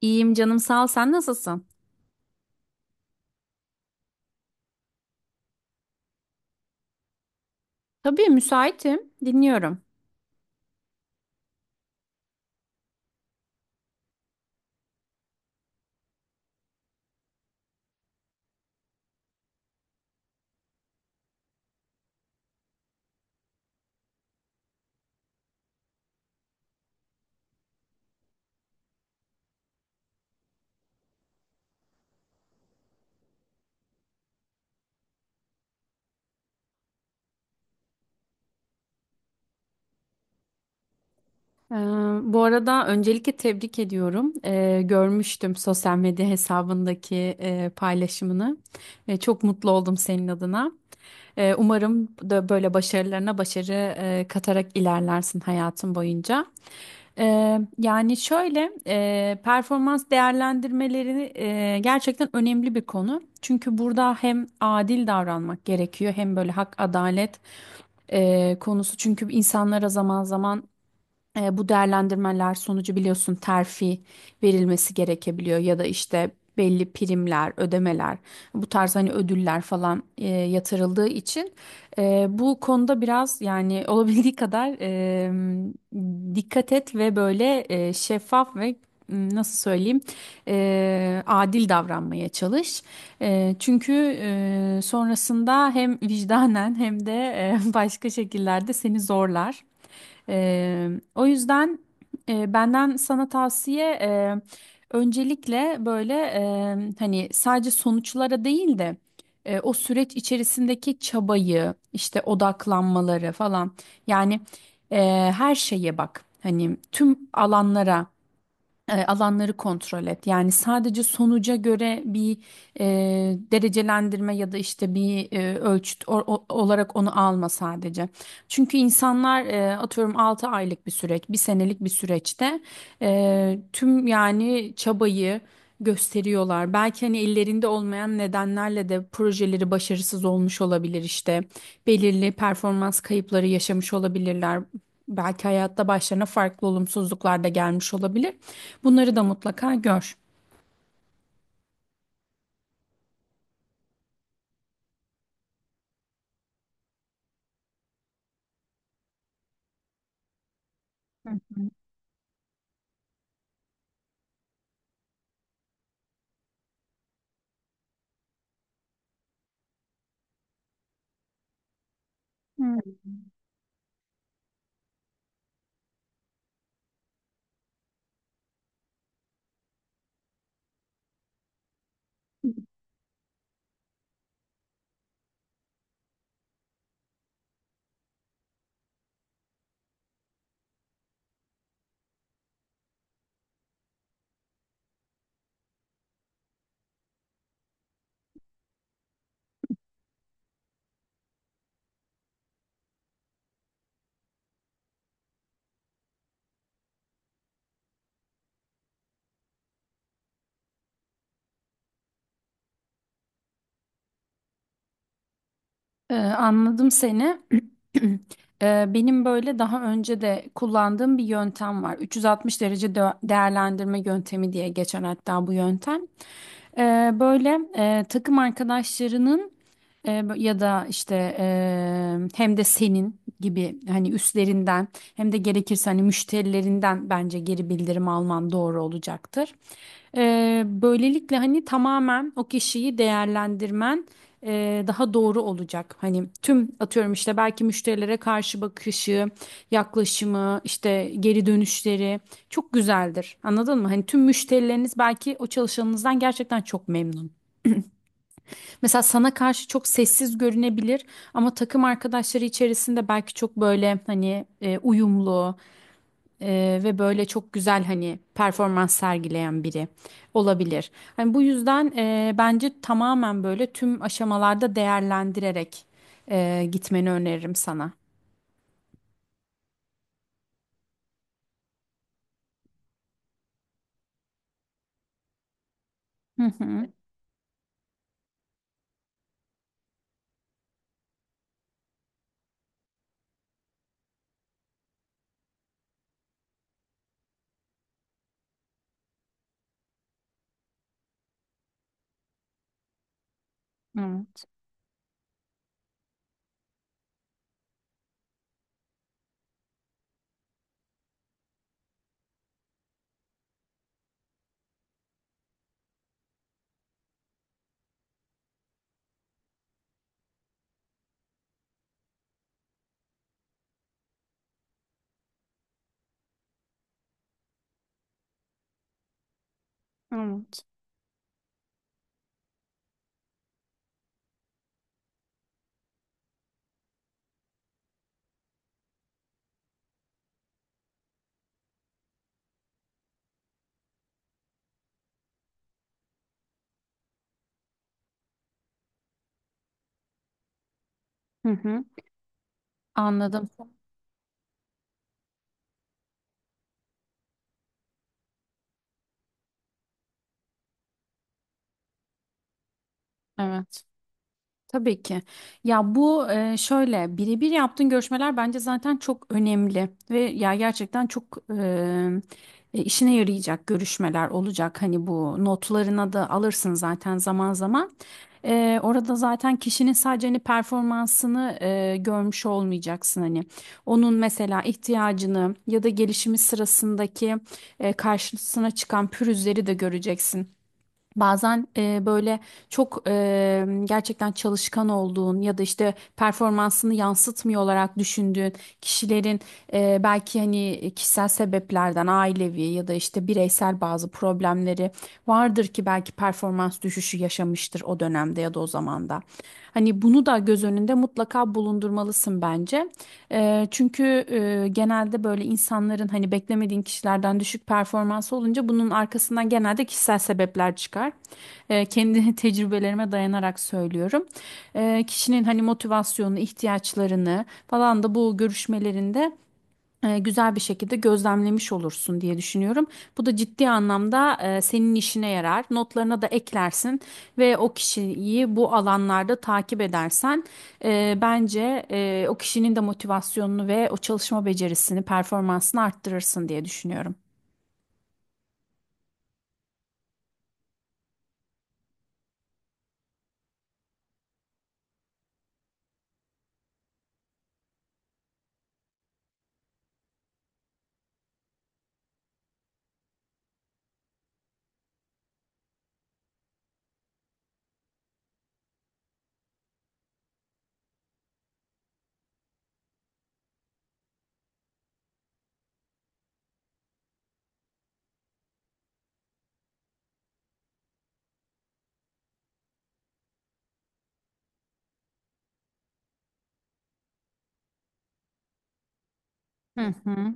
İyiyim canım sağ ol. Sen nasılsın? Tabii müsaitim. Dinliyorum. Ee, bu arada öncelikle tebrik ediyorum. Görmüştüm sosyal medya hesabındaki paylaşımını. Çok mutlu oldum senin adına. Umarım da böyle başarılarına başarı katarak ilerlersin hayatın boyunca. Yani şöyle performans değerlendirmeleri gerçekten önemli bir konu. Çünkü burada hem adil davranmak gerekiyor hem böyle hak adalet konusu. Çünkü insanlara zaman zaman bu değerlendirmeler sonucu biliyorsun terfi verilmesi gerekebiliyor ya da işte belli primler, ödemeler, bu tarz hani ödüller falan yatırıldığı için bu konuda biraz yani olabildiği kadar dikkat et ve böyle şeffaf ve nasıl söyleyeyim adil davranmaya çalış. Çünkü sonrasında hem vicdanen hem de başka şekillerde seni zorlar. Ee, o yüzden benden sana tavsiye öncelikle böyle hani sadece sonuçlara değil de o süreç içerisindeki çabayı işte odaklanmaları falan yani e, her şeye bak hani tüm alanlara alanları kontrol et. Yani sadece sonuca göre bir e, derecelendirme ya da işte bir ölçüt olarak onu alma sadece. Çünkü insanlar atıyorum 6 aylık bir süreç, bir senelik bir süreçte tüm yani çabayı gösteriyorlar. Belki hani ellerinde olmayan nedenlerle de projeleri başarısız olmuş olabilir işte. Belirli performans kayıpları yaşamış olabilirler. Belki hayatta başlarına farklı olumsuzluklar da gelmiş olabilir. Bunları da mutlaka gör. Anladım seni. Benim böyle daha önce de kullandığım bir yöntem var. 360 derece değerlendirme yöntemi diye geçer hatta bu yöntem. Böyle takım arkadaşlarının ya da işte hem de senin gibi hani üstlerinden hem de gerekirse hani müşterilerinden bence geri bildirim alman doğru olacaktır. Böylelikle hani tamamen o kişiyi değerlendirmen daha doğru olacak. Hani tüm atıyorum işte belki müşterilere karşı bakışı, yaklaşımı, işte geri dönüşleri çok güzeldir. Anladın mı? Hani tüm müşterileriniz belki o çalışanınızdan gerçekten çok memnun. Mesela sana karşı çok sessiz görünebilir ama takım arkadaşları içerisinde belki çok böyle hani uyumlu ve böyle çok güzel hani performans sergileyen biri olabilir. Hani bu yüzden bence tamamen böyle tüm aşamalarda değerlendirerek gitmeni öneririm sana. Hı hı. Hı hı. Anladım. Evet. Tabii ki. Ya bu şöyle birebir yaptığın görüşmeler bence zaten çok önemli ve ya gerçekten çok işine yarayacak görüşmeler olacak. Hani bu notlarına da alırsın zaten zaman zaman. Orada zaten kişinin sadece hani performansını görmüş olmayacaksın hani. Onun mesela ihtiyacını ya da gelişimi sırasındaki karşısına çıkan pürüzleri de göreceksin. Bazen böyle çok gerçekten çalışkan olduğun ya da işte performansını yansıtmıyor olarak düşündüğün kişilerin belki hani kişisel sebeplerden ailevi ya da işte bireysel bazı problemleri vardır ki belki performans düşüşü yaşamıştır o dönemde ya da o zamanda. Hani bunu da göz önünde mutlaka bulundurmalısın bence. Çünkü genelde böyle insanların hani beklemediğin kişilerden düşük performansı olunca bunun arkasından genelde kişisel sebepler çıkar. Kendi tecrübelerime dayanarak söylüyorum. Kişinin hani motivasyonu, ihtiyaçlarını falan da bu görüşmelerinde güzel bir şekilde gözlemlemiş olursun diye düşünüyorum. Bu da ciddi anlamda senin işine yarar. Notlarına da eklersin ve o kişiyi bu alanlarda takip edersen bence o kişinin de motivasyonunu ve o çalışma becerisini, performansını arttırırsın diye düşünüyorum. Hı hı.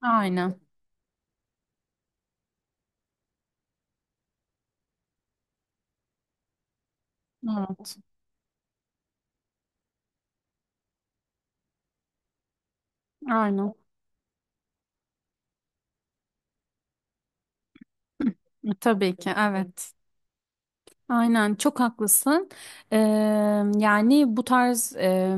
Aynen. Evet. Aynen. Tabii ki. Evet. Aynen çok haklısın. Eee, yani bu tarz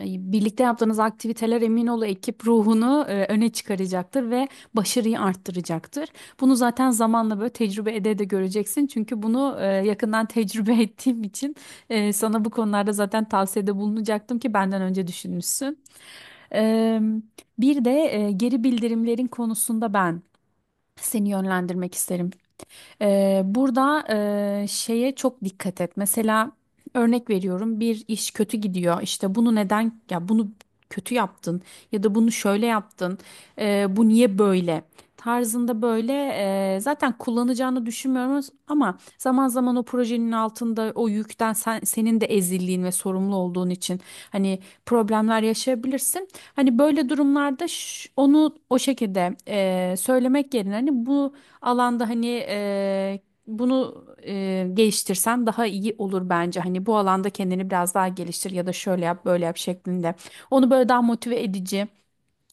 birlikte yaptığınız aktiviteler emin ol ekip ruhunu öne çıkaracaktır ve başarıyı arttıracaktır. Bunu zaten zamanla böyle tecrübe ede de göreceksin. Çünkü bunu yakından tecrübe ettiğim için sana bu konularda zaten tavsiyede bulunacaktım ki benden önce düşünmüşsün. Eee, bir de geri bildirimlerin konusunda ben seni yönlendirmek isterim. Burada şeye çok dikkat et. Mesela örnek veriyorum bir iş kötü gidiyor. İşte bunu neden ya bunu kötü yaptın ya da bunu şöyle yaptın. Bu niye böyle? Tarzında böyle zaten kullanacağını düşünmüyoruz ama zaman zaman o projenin altında o yükten senin de ezildiğin ve sorumlu olduğun için hani problemler yaşayabilirsin. Hani böyle durumlarda onu o şekilde söylemek yerine hani bu alanda hani bunu geliştirsen daha iyi olur bence. Hani bu alanda kendini biraz daha geliştir ya da şöyle yap böyle yap şeklinde. Onu böyle daha motive edici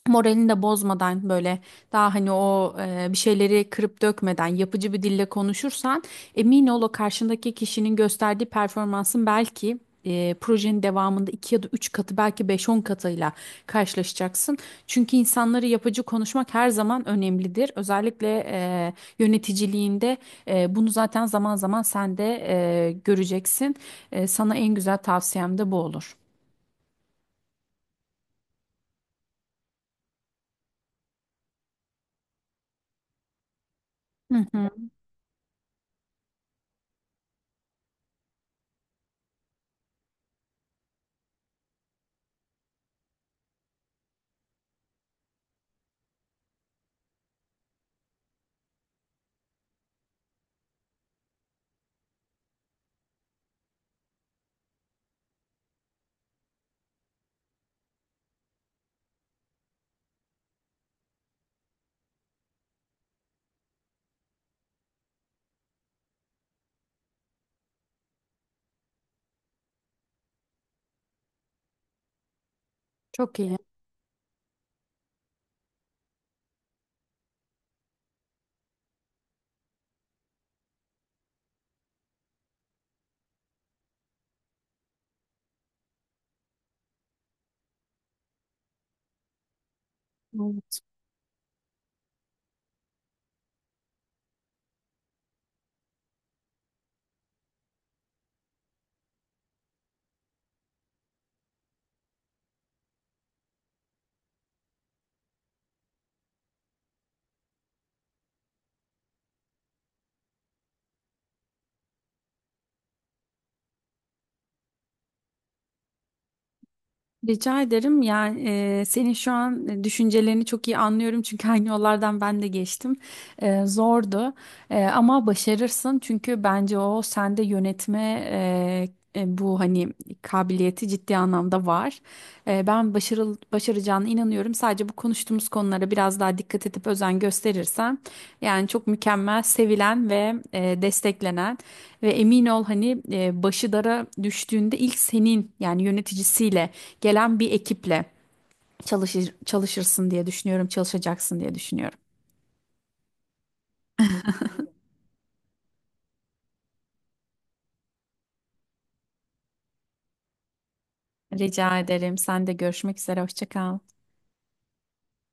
moralini de bozmadan böyle daha hani o bir şeyleri kırıp dökmeden yapıcı bir dille konuşursan emin ol o karşındaki kişinin gösterdiği performansın belki projenin devamında 2 ya da 3 katı belki beş on katıyla karşılaşacaksın. Çünkü insanları yapıcı konuşmak her zaman önemlidir. Özellikle yöneticiliğinde bunu zaten zaman zaman sen de göreceksin. Sana en güzel tavsiyem de bu olur. Hı hı. Çok iyi. Rica ederim. Yani senin şu an düşüncelerini çok iyi anlıyorum çünkü aynı yollardan ben de geçtim. Zordu ama başarırsın çünkü bence o sende yönetme bu hani kabiliyeti ciddi anlamda var. Ben başaracağına inanıyorum. Sadece bu konuştuğumuz konulara biraz daha dikkat edip özen gösterirsen yani çok mükemmel, sevilen ve desteklenen. Ve emin ol hani başı dara düştüğünde ilk senin yani yöneticisiyle gelen bir ekiple çalışırsın diye düşünüyorum, çalışacaksın diye düşünüyorum. Rica ederim. Sen de görüşmek üzere. Hoşça kal.